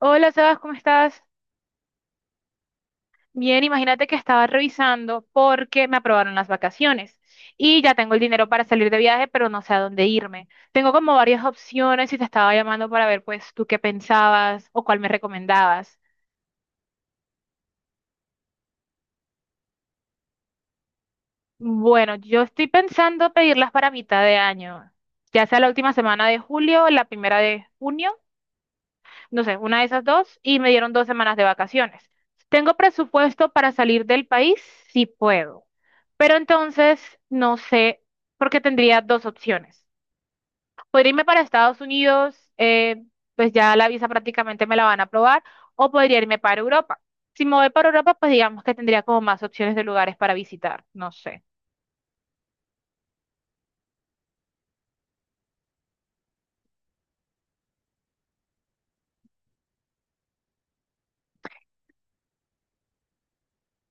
Hola, Sebas, ¿cómo estás? Bien, imagínate que estaba revisando porque me aprobaron las vacaciones y ya tengo el dinero para salir de viaje, pero no sé a dónde irme. Tengo como varias opciones y te estaba llamando para ver pues tú qué pensabas o cuál me recomendabas. Bueno, yo estoy pensando pedirlas para mitad de año, ya sea la última semana de julio o la primera de junio, no sé, una de esas dos, y me dieron 2 semanas de vacaciones. ¿Tengo presupuesto para salir del país? Sí puedo. Pero entonces no sé, porque tendría dos opciones. Podría irme para Estados Unidos, pues ya la visa prácticamente me la van a aprobar, o podría irme para Europa. Si me voy para Europa, pues digamos que tendría como más opciones de lugares para visitar, no sé.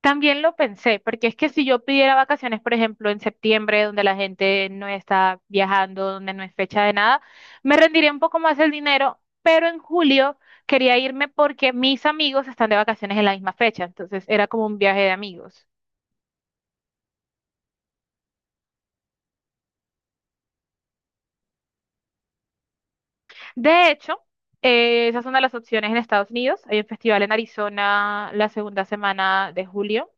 También lo pensé, porque es que si yo pidiera vacaciones, por ejemplo, en septiembre, donde la gente no está viajando, donde no es fecha de nada, me rendiría un poco más el dinero, pero en julio quería irme porque mis amigos están de vacaciones en la misma fecha, entonces era como un viaje de amigos. De hecho, esas son de las opciones en Estados Unidos. Hay un festival en Arizona la segunda semana de julio.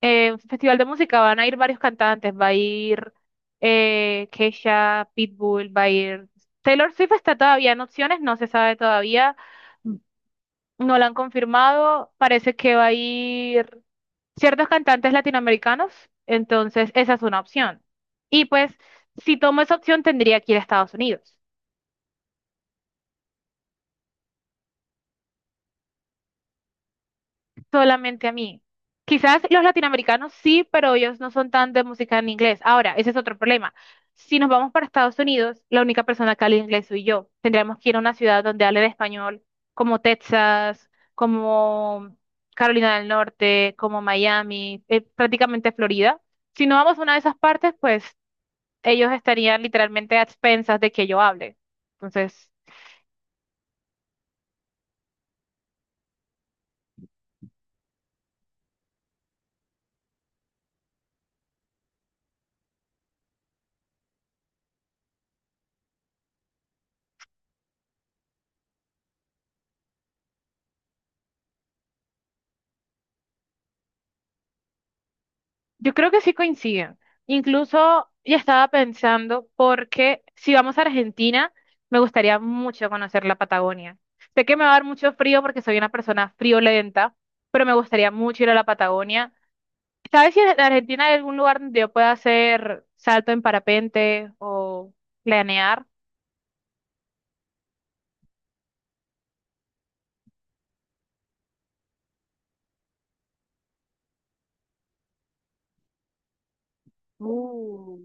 Festival de música van a ir varios cantantes, va a ir Kesha, Pitbull, va a ir Taylor Swift está todavía en opciones, no se sabe todavía, no la han confirmado, parece que va a ir ciertos cantantes latinoamericanos, entonces esa es una opción. Y pues si tomo esa opción tendría que ir a Estados Unidos. Solamente a mí. Quizás los latinoamericanos sí, pero ellos no son tan de música en inglés. Ahora, ese es otro problema. Si nos vamos para Estados Unidos, la única persona que habla inglés soy yo. Tendríamos que ir a una ciudad donde hable de español, como Texas, como Carolina del Norte, como Miami, prácticamente Florida. Si no vamos a una de esas partes, pues ellos estarían literalmente a expensas de que yo hable. Entonces, yo creo que sí coinciden. Incluso ya estaba pensando, porque si vamos a Argentina, me gustaría mucho conocer la Patagonia. Sé que me va a dar mucho frío porque soy una persona friolenta, pero me gustaría mucho ir a la Patagonia. ¿Sabes si en Argentina hay algún lugar donde yo pueda hacer salto en parapente o planear? Uh.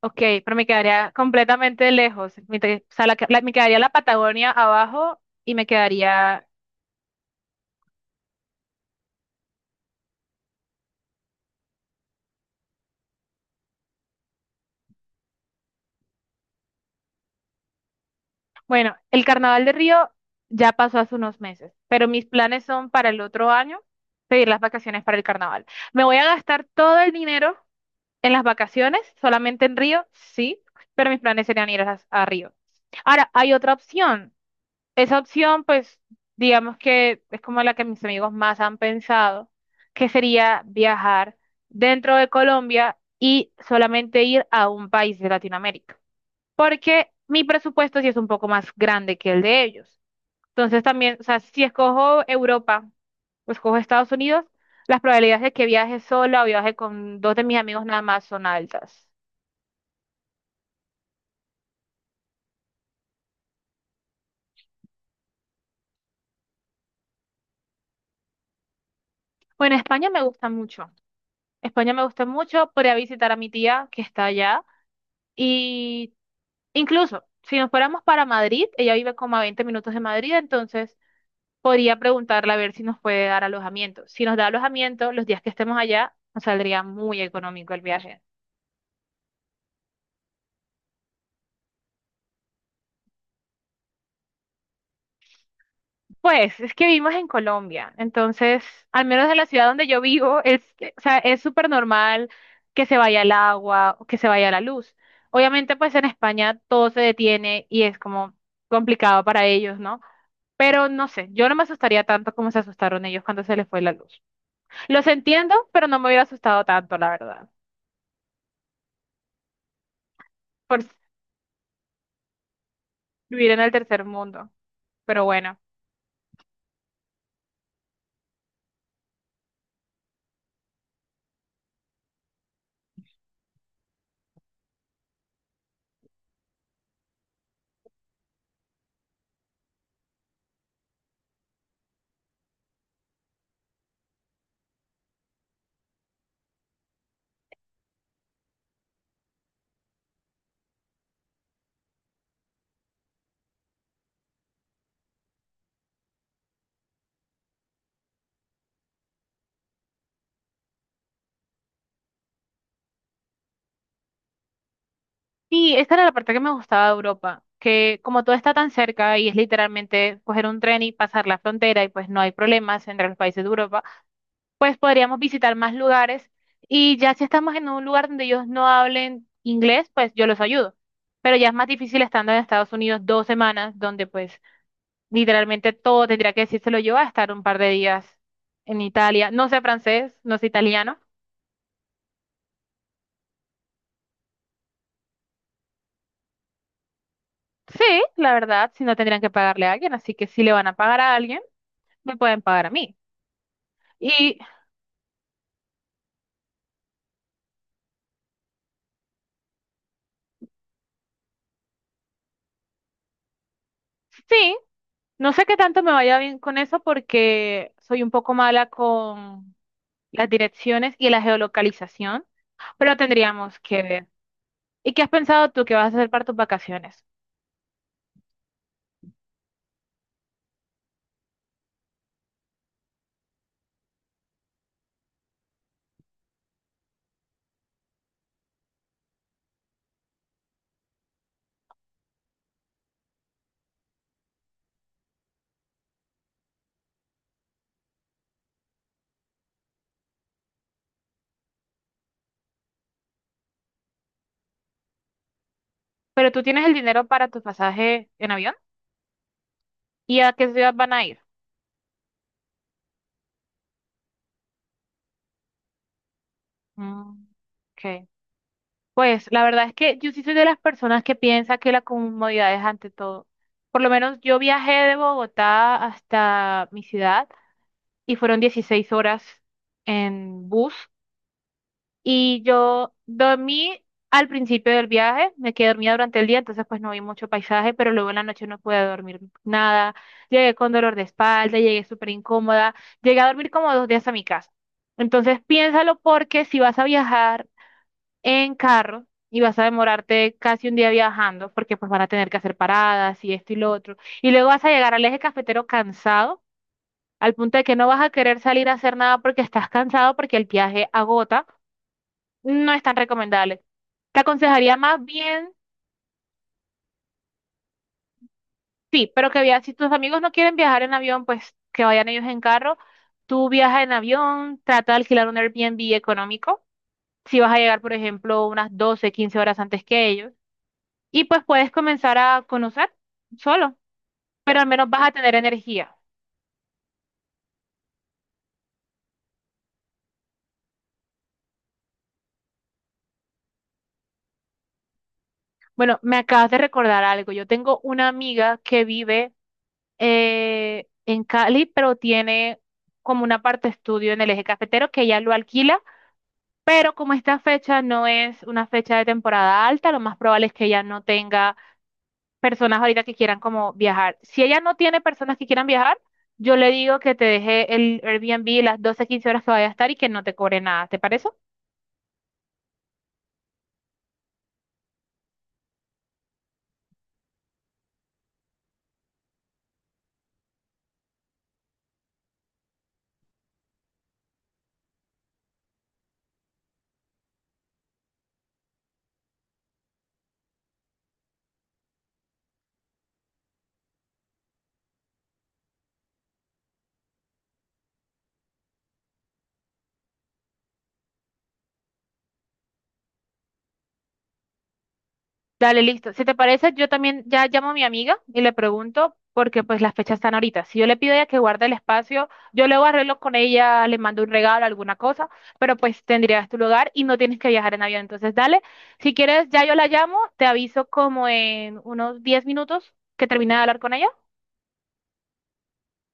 Ok, pero me quedaría completamente lejos. O sea, me quedaría la Patagonia abajo y me quedaría. Bueno, el Carnaval de Río ya pasó hace unos meses, pero mis planes son para el otro año pedir las vacaciones para el Carnaval. Me voy a gastar todo el dinero en las vacaciones, solamente en Río, sí, pero mis planes serían ir a Río. Ahora, hay otra opción. Esa opción, pues, digamos que es como la que mis amigos más han pensado, que sería viajar dentro de Colombia y solamente ir a un país de Latinoamérica porque mi presupuesto sí es un poco más grande que el de ellos. Entonces también, o sea, si escojo Europa o escojo Estados Unidos, las probabilidades de que viaje sola o viaje con dos de mis amigos nada más son altas. Bueno, España me gusta mucho. España me gusta mucho. Podría visitar a mi tía que está allá. Y incluso, si nos fuéramos para Madrid, ella vive como a 20 minutos de Madrid, entonces podría preguntarle a ver si nos puede dar alojamiento. Si nos da alojamiento, los días que estemos allá, nos saldría muy económico el viaje. Pues es que vivimos en Colombia, entonces, al menos en la ciudad donde yo vivo, o sea, es súper normal que se vaya el agua o que se vaya la luz. Obviamente, pues en España todo se detiene y es como complicado para ellos, ¿no? Pero no sé, yo no me asustaría tanto como se asustaron ellos cuando se les fue la luz. Los entiendo, pero no me hubiera asustado tanto, la verdad, por vivir en el tercer mundo. Pero bueno. Sí, esta era la parte que me gustaba de Europa, que como todo está tan cerca y es literalmente coger un tren y pasar la frontera y pues no hay problemas entre los países de Europa, pues podríamos visitar más lugares y ya si estamos en un lugar donde ellos no hablen inglés, pues yo los ayudo. Pero ya es más difícil estando en Estados Unidos dos semanas, donde pues literalmente todo tendría que decírselo yo a estar un par de días en Italia. No sé francés, no sé italiano. Sí, la verdad, si no tendrían que pagarle a alguien, así que si le van a pagar a alguien, me pueden pagar a mí. Y sí, no sé qué tanto me vaya bien con eso porque soy un poco mala con las direcciones y la geolocalización, pero tendríamos que ver. ¿Y qué has pensado tú que vas a hacer para tus vacaciones? Pero tú tienes el dinero para tu pasaje en avión. ¿Y a qué ciudad van a ir? Mm, ok. Pues la verdad es que yo sí soy de las personas que piensa que la comodidad es ante todo. Por lo menos yo viajé de Bogotá hasta mi ciudad y fueron 16 horas en bus. Y yo dormí al principio del viaje, me quedé dormida durante el día, entonces pues no vi mucho paisaje, pero luego en la noche no pude dormir nada. Llegué con dolor de espalda, llegué súper incómoda, llegué a dormir como 2 días a mi casa. Entonces piénsalo porque si vas a viajar en carro y vas a demorarte casi un día viajando, porque pues van a tener que hacer paradas y esto y lo otro, y luego vas a llegar al eje cafetero cansado, al punto de que no vas a querer salir a hacer nada porque estás cansado, porque el viaje agota no es tan recomendable. Te aconsejaría más bien, sí, pero que viajes, si tus amigos no quieren viajar en avión, pues que vayan ellos en carro. Tú viaja en avión, trata de alquilar un Airbnb económico, si vas a llegar, por ejemplo, unas 12 15 horas antes que ellos, y pues puedes comenzar a conocer solo, pero al menos vas a tener energía. Bueno, me acabas de recordar algo. Yo tengo una amiga que vive en Cali, pero tiene como una parte estudio en el eje cafetero que ella lo alquila. Pero como esta fecha no es una fecha de temporada alta, lo más probable es que ella no tenga personas ahorita que quieran como viajar. Si ella no tiene personas que quieran viajar, yo le digo que te deje el Airbnb las 12 15 horas que vaya a estar y que no te cobre nada. ¿Te parece? Dale, listo. Si te parece, yo también ya llamo a mi amiga y le pregunto porque pues las fechas están ahorita. Si yo le pido a ella que guarde el espacio, yo luego arreglo con ella, le mando un regalo, alguna cosa, pero pues tendrías tu lugar y no tienes que viajar en avión. Entonces, dale, si quieres, ya yo la llamo, te aviso como en unos 10 minutos que termine de hablar con ella.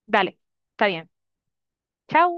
Dale, está bien. Chao.